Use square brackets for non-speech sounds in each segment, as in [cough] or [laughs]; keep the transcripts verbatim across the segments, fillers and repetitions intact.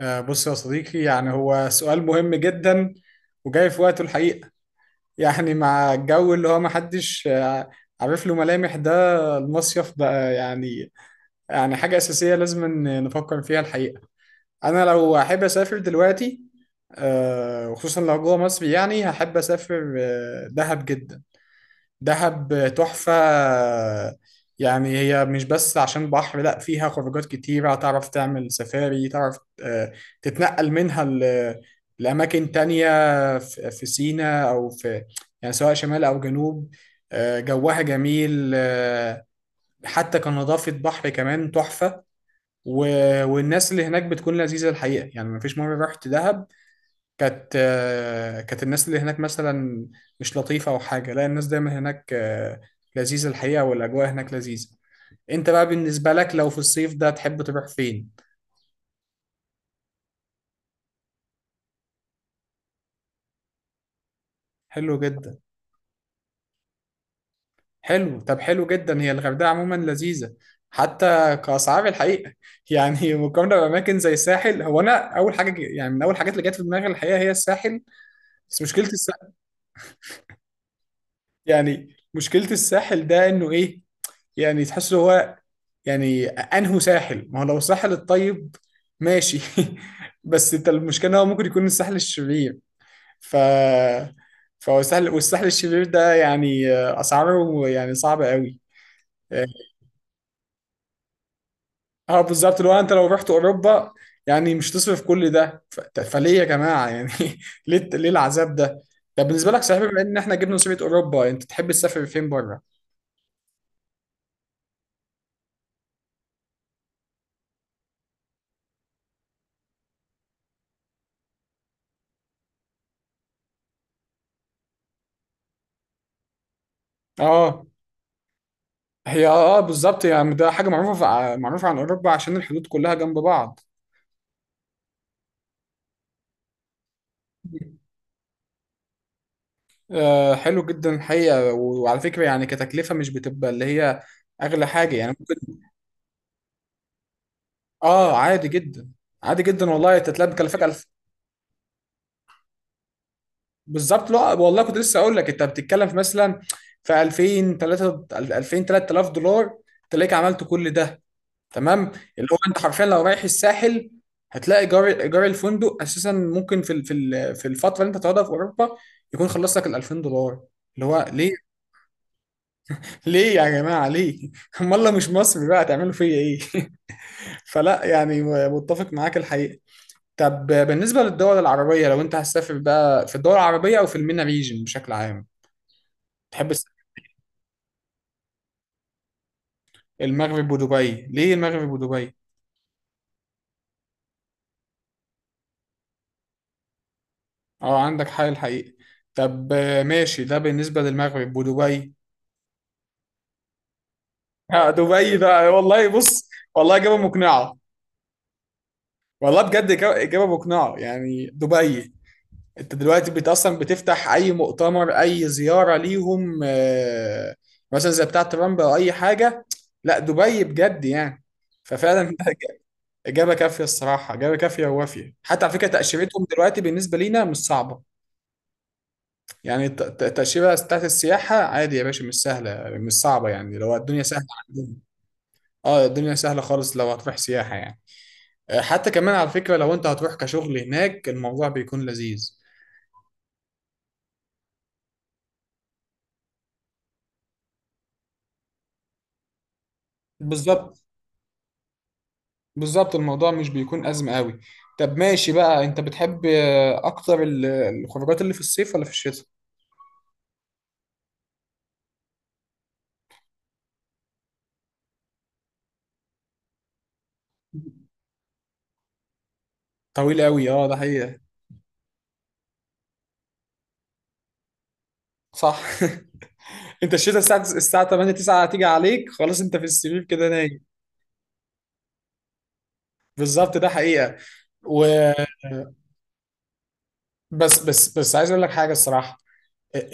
آه، بص يا صديقي، يعني هو سؤال مهم جدا وجاي في وقته الحقيقة. [laughs] يعني مع الجو اللي هو محدش آه، عارف له ملامح ده، المصيف بقى يعني يعني حاجة أساسية لازم إن نفكر فيها الحقيقة. أنا لو أحب أسافر دلوقتي آه، وخصوصا لو جوه مصر، يعني هحب أسافر آه، دهب جدا. دهب تحفة. يعني هي مش بس عشان بحر، لا، فيها خروجات كتيرة، تعرف تعمل سفاري، تعرف آه، تتنقل منها ل- لأماكن تانية في في سيناء أو في، يعني سواء شمال أو جنوب. آه، جوها جميل، آه، حتى كنظافة بحر كمان تحفة. و- والناس اللي هناك بتكون لذيذة الحقيقة. يعني مفيش مرة رحت دهب كانت آه، كانت الناس اللي هناك مثلا مش لطيفة أو حاجة، لا، الناس دايما هناك آه، لذيذة الحقيقة، والأجواء هناك لذيذة. أنت بقى بالنسبة لك لو في الصيف ده تحب تروح فين؟ حلو جدا. حلو، طب حلو جدا. هي الغردقة عموما لذيذة، حتى كأسعار الحقيقة. [laughs] يعني مقارنة بأماكن زي الساحل، هو أنا أول حاجة ج- يعني من أول الحاجات اللي جت في دماغي الحقيقة هي الساحل. بس مشكلة الساحل، يعني مشكلة الساحل ده إنه إيه، يعني تحس هو، يعني انهو ساحل. ما هو لو الساحل الطيب ماشي، [laughs] بس انت المشكله إن هو ممكن يكون الساحل الشرير. ف فهو الساحل، والساحل الشرير ده يعني اسعاره يعني صعبه قوي. اه بالظبط، اللي هو انت لو رحت اوروبا، يعني مش تصرف كل ده، ف... ت- فليه يا جماعه؟ يعني [laughs] ليه ليه العذاب ده؟ طب بالنسبه لك، صحيح، بما ان احنا جبنا سيره اوروبا، انت تحب تسافر فين بره؟ اه. هي، اه، بالظبط، يعني ده حاجه معروفه في... معروفه عن اوروبا، عشان الحدود كلها جنب بعض. آه، حلو جدا الحقيقة، و- وعلى فكرة، يعني كتكلفة مش بتبقى اللي هي أغلى حاجة يعني. آه، عادي جدا. عادي جدا والله، أنت تلاقي مكلفك ألف. بالظبط، لا والله كنت لسه أقول لك، أنت بتتكلم في مثلا في ألفين ثلاث ألفين ثلاثة آلاف دولار تلاقيك عملت كل ده. تمام. اللي هو أنت حرفيا لو رايح الساحل هتلاقي إيجار إيجار الفندق أساسا ممكن في ال- في ال- في الفترة اللي أنت هتقعدها في أوروبا يكون خلص لك ال ألفين دولار. اللي هو ليه؟ ليه يا جماعة؟ ليه؟ [laughs] أمال لو مش مصري بقى هتعملوا فيا إيه؟ فلا، يعني م- متفق معاك الحقيقة. طب بالنسبة للدول العربية، لو انت هتسافر بقى في الدول العربية او في المينا ريجن بشكل عام، تحب تس- المغرب ودبي؟ ليه المغرب ودبي؟ اه، عندك حق الحقيقة. طب آه، ماشي، ده بالنسبة للمغرب ودبي. آه، دبي بقى، والله بص، والله إجابة مقنعة. والله بجد، إجابة إجابة مقنعة يعني. دبي انت دلوقتي بت اصلا بتفتح اي مؤتمر، اي زياره ليهم، آه، مثلا زي بتاعه ترامب او اي حاجه، لا دبي بجد يعني. ففعلا [laughs] ده إج- اجابه كافيه الصراحه، اجابه كافيه ووافيه. حتى على فكره تاشيرتهم دلوقتي بالنسبه لينا مش صعبه. يعني الت- الت- التاشيره بتاعت السياحه عادي يا باشا، مش سهله، مش صعبه، يعني لو الدنيا سهله عندهم. اه، الدنيا سهله خالص لو هتروح سياحه يعني. آه، حتى كمان على فكره لو انت هتروح كشغل هناك، الموضوع بيكون لذيذ. بالظبط. بالظبط، الموضوع مش بيكون أزمة قوي. طب ماشي بقى، انت بتحب آه، اكتر ال- الخروجات اللي في الصيف ولا في الشتاء؟ طويل قوي، اه، ده حقيقة. صح. [laughs] انت الشتاء الساعة الساعة ثمانية تسعة هتيجي عليك، خلاص انت في السرير كده نايم. بالظبط، ده حقيقة. و بس بس بس، عايز اقول لك حاجة الصراحة.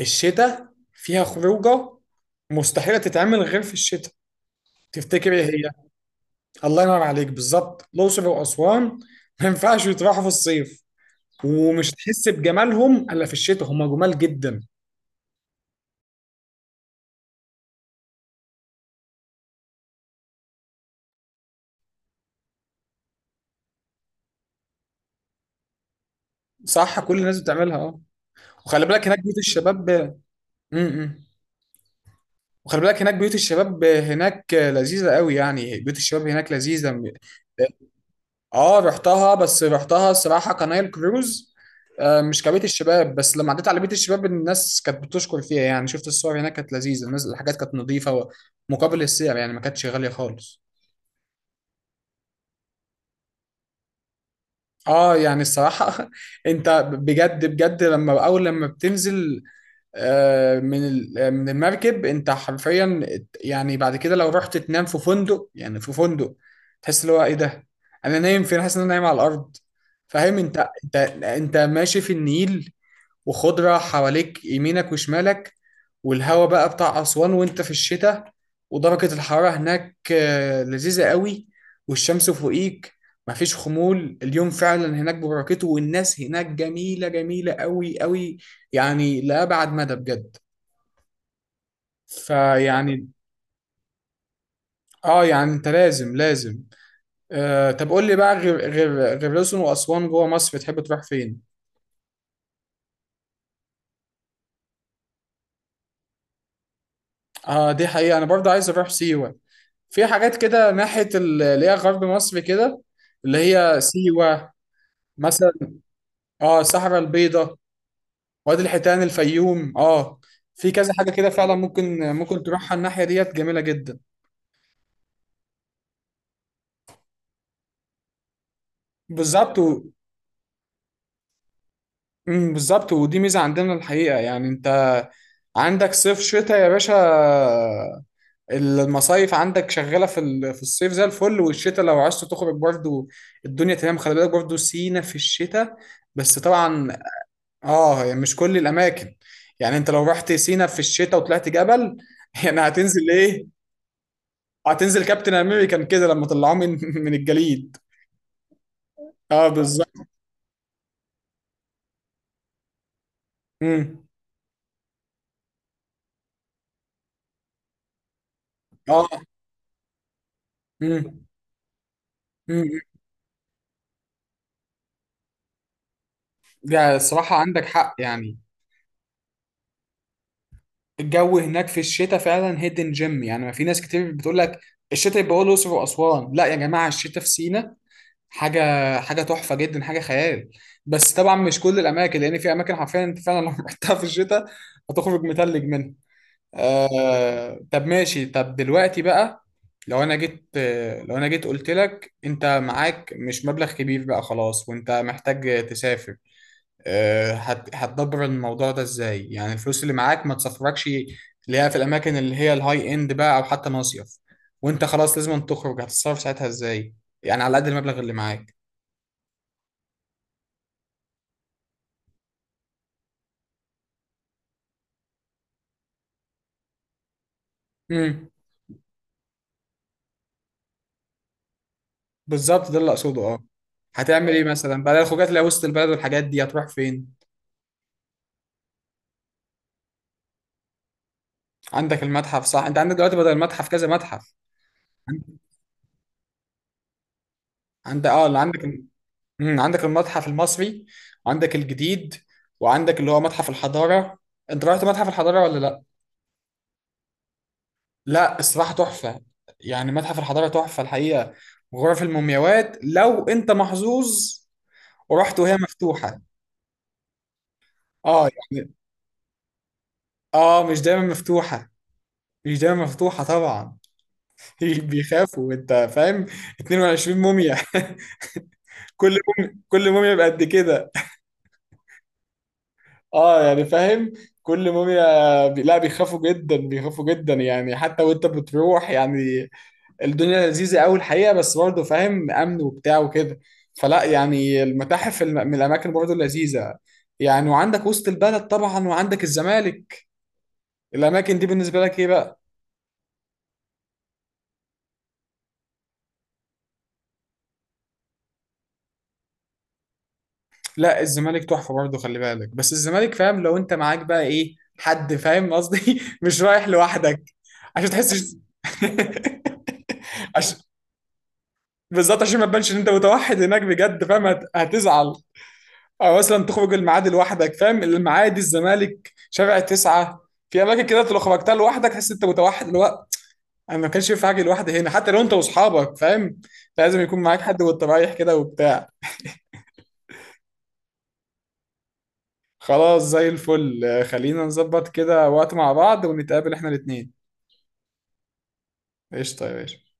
الشتاء فيها خروجة مستحيلة تتعمل غير في الشتاء. تفتكر ايه هي؟ الله ينور عليك، بالظبط، الأقصر وأسوان. ما ينفعش يتراحوا في الصيف، ومش تحس بجمالهم الا في الشتاء، هم جمال جدا. صح، كل الناس بتعملها اه. وخلي بالك هناك بيوت الشباب. امم وخلي بالك هناك بيوت الشباب هناك لذيذة قوي، يعني بيوت الشباب هناك لذيذة م- اه، رحتها، بس رحتها الصراحة كنايل كروز، آه، مش كبيت الشباب. بس لما عديت على بيت الشباب، الناس كانت بتشكر فيها، يعني شفت الصور هناك كانت لذيذة، الناس، الحاجات كانت نظيفة، مقابل السعر يعني ما كانتش غالية خالص. اه يعني الصراحة [laughs] انت بجد بجد، لما اول لما بتنزل آه، من ال- آه، من المركب، انت حرفيا ات- يعني بعد كده لو رحت تنام في فندق، يعني في فندق تحس اللي هو ايه ده، انا نايم فين، حاسس ان انا نايم على الارض. فاهم؟ انت انت انت ماشي في النيل وخضرة حواليك، يمينك وشمالك، والهوا بقى بتاع أسوان، وانت في الشتاء، ودرجة الحرارة هناك آه، لذيذة قوي، والشمس فوقيك، مفيش خمول، اليوم فعلا هناك ببركته، والناس هناك جميلة، جميلة قوي قوي، يعني لأبعد مدى بجد. فيعني، اه يعني انت لازم لازم. آه طب قول لي بقى، غير غير غير الأقصر وأسوان، جوه مصر بتحب تروح فين؟ اه، دي حقيقة، انا برضه عايز اروح سيوة. في حاجات كده ناحية ال- اللي هي غرب مصر كده، اللي هي سيوة مثلا. اه، الصحراء البيضاء، وادي الحيتان، الفيوم، اه، في كذا حاجة كده فعلا، ممكن ممكن تروحها، الناحية ديت جميلة جدا. بالظبط و... مم، بالظبط، ودي ميزة عندنا الحقيقة، يعني انت عندك صيف، شتاء يا باشا. المصايف عندك شغالة في ال- في الصيف زي الفل، والشتاء لو عايز تخرج برضو الدنيا تمام. خلي بالك برضو سينا في الشتاء، بس طبعا، اه هي مش كل الاماكن. يعني انت لو رحت سينا في الشتاء وطلعت جبل، [laughs] يعني هتنزل ايه؟ هتنزل كابتن امريكان كده، لما طلعوه من [laughs] من الجليد. اه بالظبط. امم اه امم امم ده الصراحه عندك حق يعني. الجو هناك في الشتاء فعلا هيدن جيم. يعني ما في ناس كتير بتقول لك الشتاء يبقى هو الاقصر واسوان، لا يا جماعه، الشتاء في سينا حاجه، حاجه تحفه جدا، حاجه خيال. بس طبعا مش كل الاماكن، لان في اماكن حرفيا انت فعلا لو [laughs] رحتها في الشتاء هتخرج متلج منها. آه، طب ماشي، طب دلوقتي بقى، لو انا جيت آه، لو انا جيت قلت لك انت معاك مش مبلغ كبير بقى خلاص، وانت محتاج تسافر، آه، هت- هتدبر الموضوع ده ازاي؟ يعني الفلوس اللي معاك ما تسافركش اللي هي في الاماكن اللي هي الهاي اند بقى، او حتى مصيف، وانت خلاص لازم تخرج، هتتصرف ساعتها ازاي؟ يعني على قد المبلغ اللي معاك. امم بالظبط، ده اللي اقصده، اه. هتعمل ايه مثلا بقى، الخروجات اللي هي وسط البلد والحاجات دي هتروح فين؟ عندك المتحف، صح، انت عندك دلوقتي بدل المتحف كذا متحف. عند عند- اه اللي عندك، مم، عندك المتحف المصري، وعندك الجديد، وعندك اللي هو متحف الحضارة. انت رحت متحف الحضارة ولا لا؟ لا الصراحة تحفة، يعني متحف الحضارة تحفة الحقيقة. غرف المومياوات لو انت محظوظ ورحت وهي مفتوحة، اه يعني اه مش دايما مفتوحة، مش دايما مفتوحة طبعا. [laughs] بيخافوا، انت فاهم، اثنين وعشرين موميا. [laughs] كل موميا، كل موميا بقد كده. اه يعني فاهم، كل موميا بي... لا بيخافوا جدا، بيخافوا جدا يعني، حتى وانت بتروح، يعني الدنيا لذيذة قوي الحقيقة، بس برضه فاهم، امن وبتاع وكده. فلا يعني المتاحف الم... من الاماكن برضه لذيذة يعني. وعندك وسط البلد طبعا، وعندك الزمالك. الاماكن دي بالنسبة لك ايه بقى؟ لا الزمالك تحفة برضه، خلي بالك. بس الزمالك، فاهم، لو انت معاك بقى، ايه، حد، فاهم قصدي، [laughs] مش رايح لوحدك، عشان تحسش. [laughs] عشان، بالظبط، عشان ما تبانش ان انت متوحد هناك بجد، فاهم هت- هتزعل. او مثلا تخرج الميعاد لوحدك، فاهم، المعادي، الزمالك، شارع تسعة، في اماكن كده أنت لو خرجتها لوحدك تحس انت متوحد الوقت. انا ما كانش ينفع اجي لوحدي هنا، حتى لو انت واصحابك فاهم، لازم يكون معاك حد وانت رايح كده وبتاع. خلاص زي الفل، آه، خلينا نظبط كده وقت مع بعض ونتقابل احنا الاتنين. قشطه يا باشا.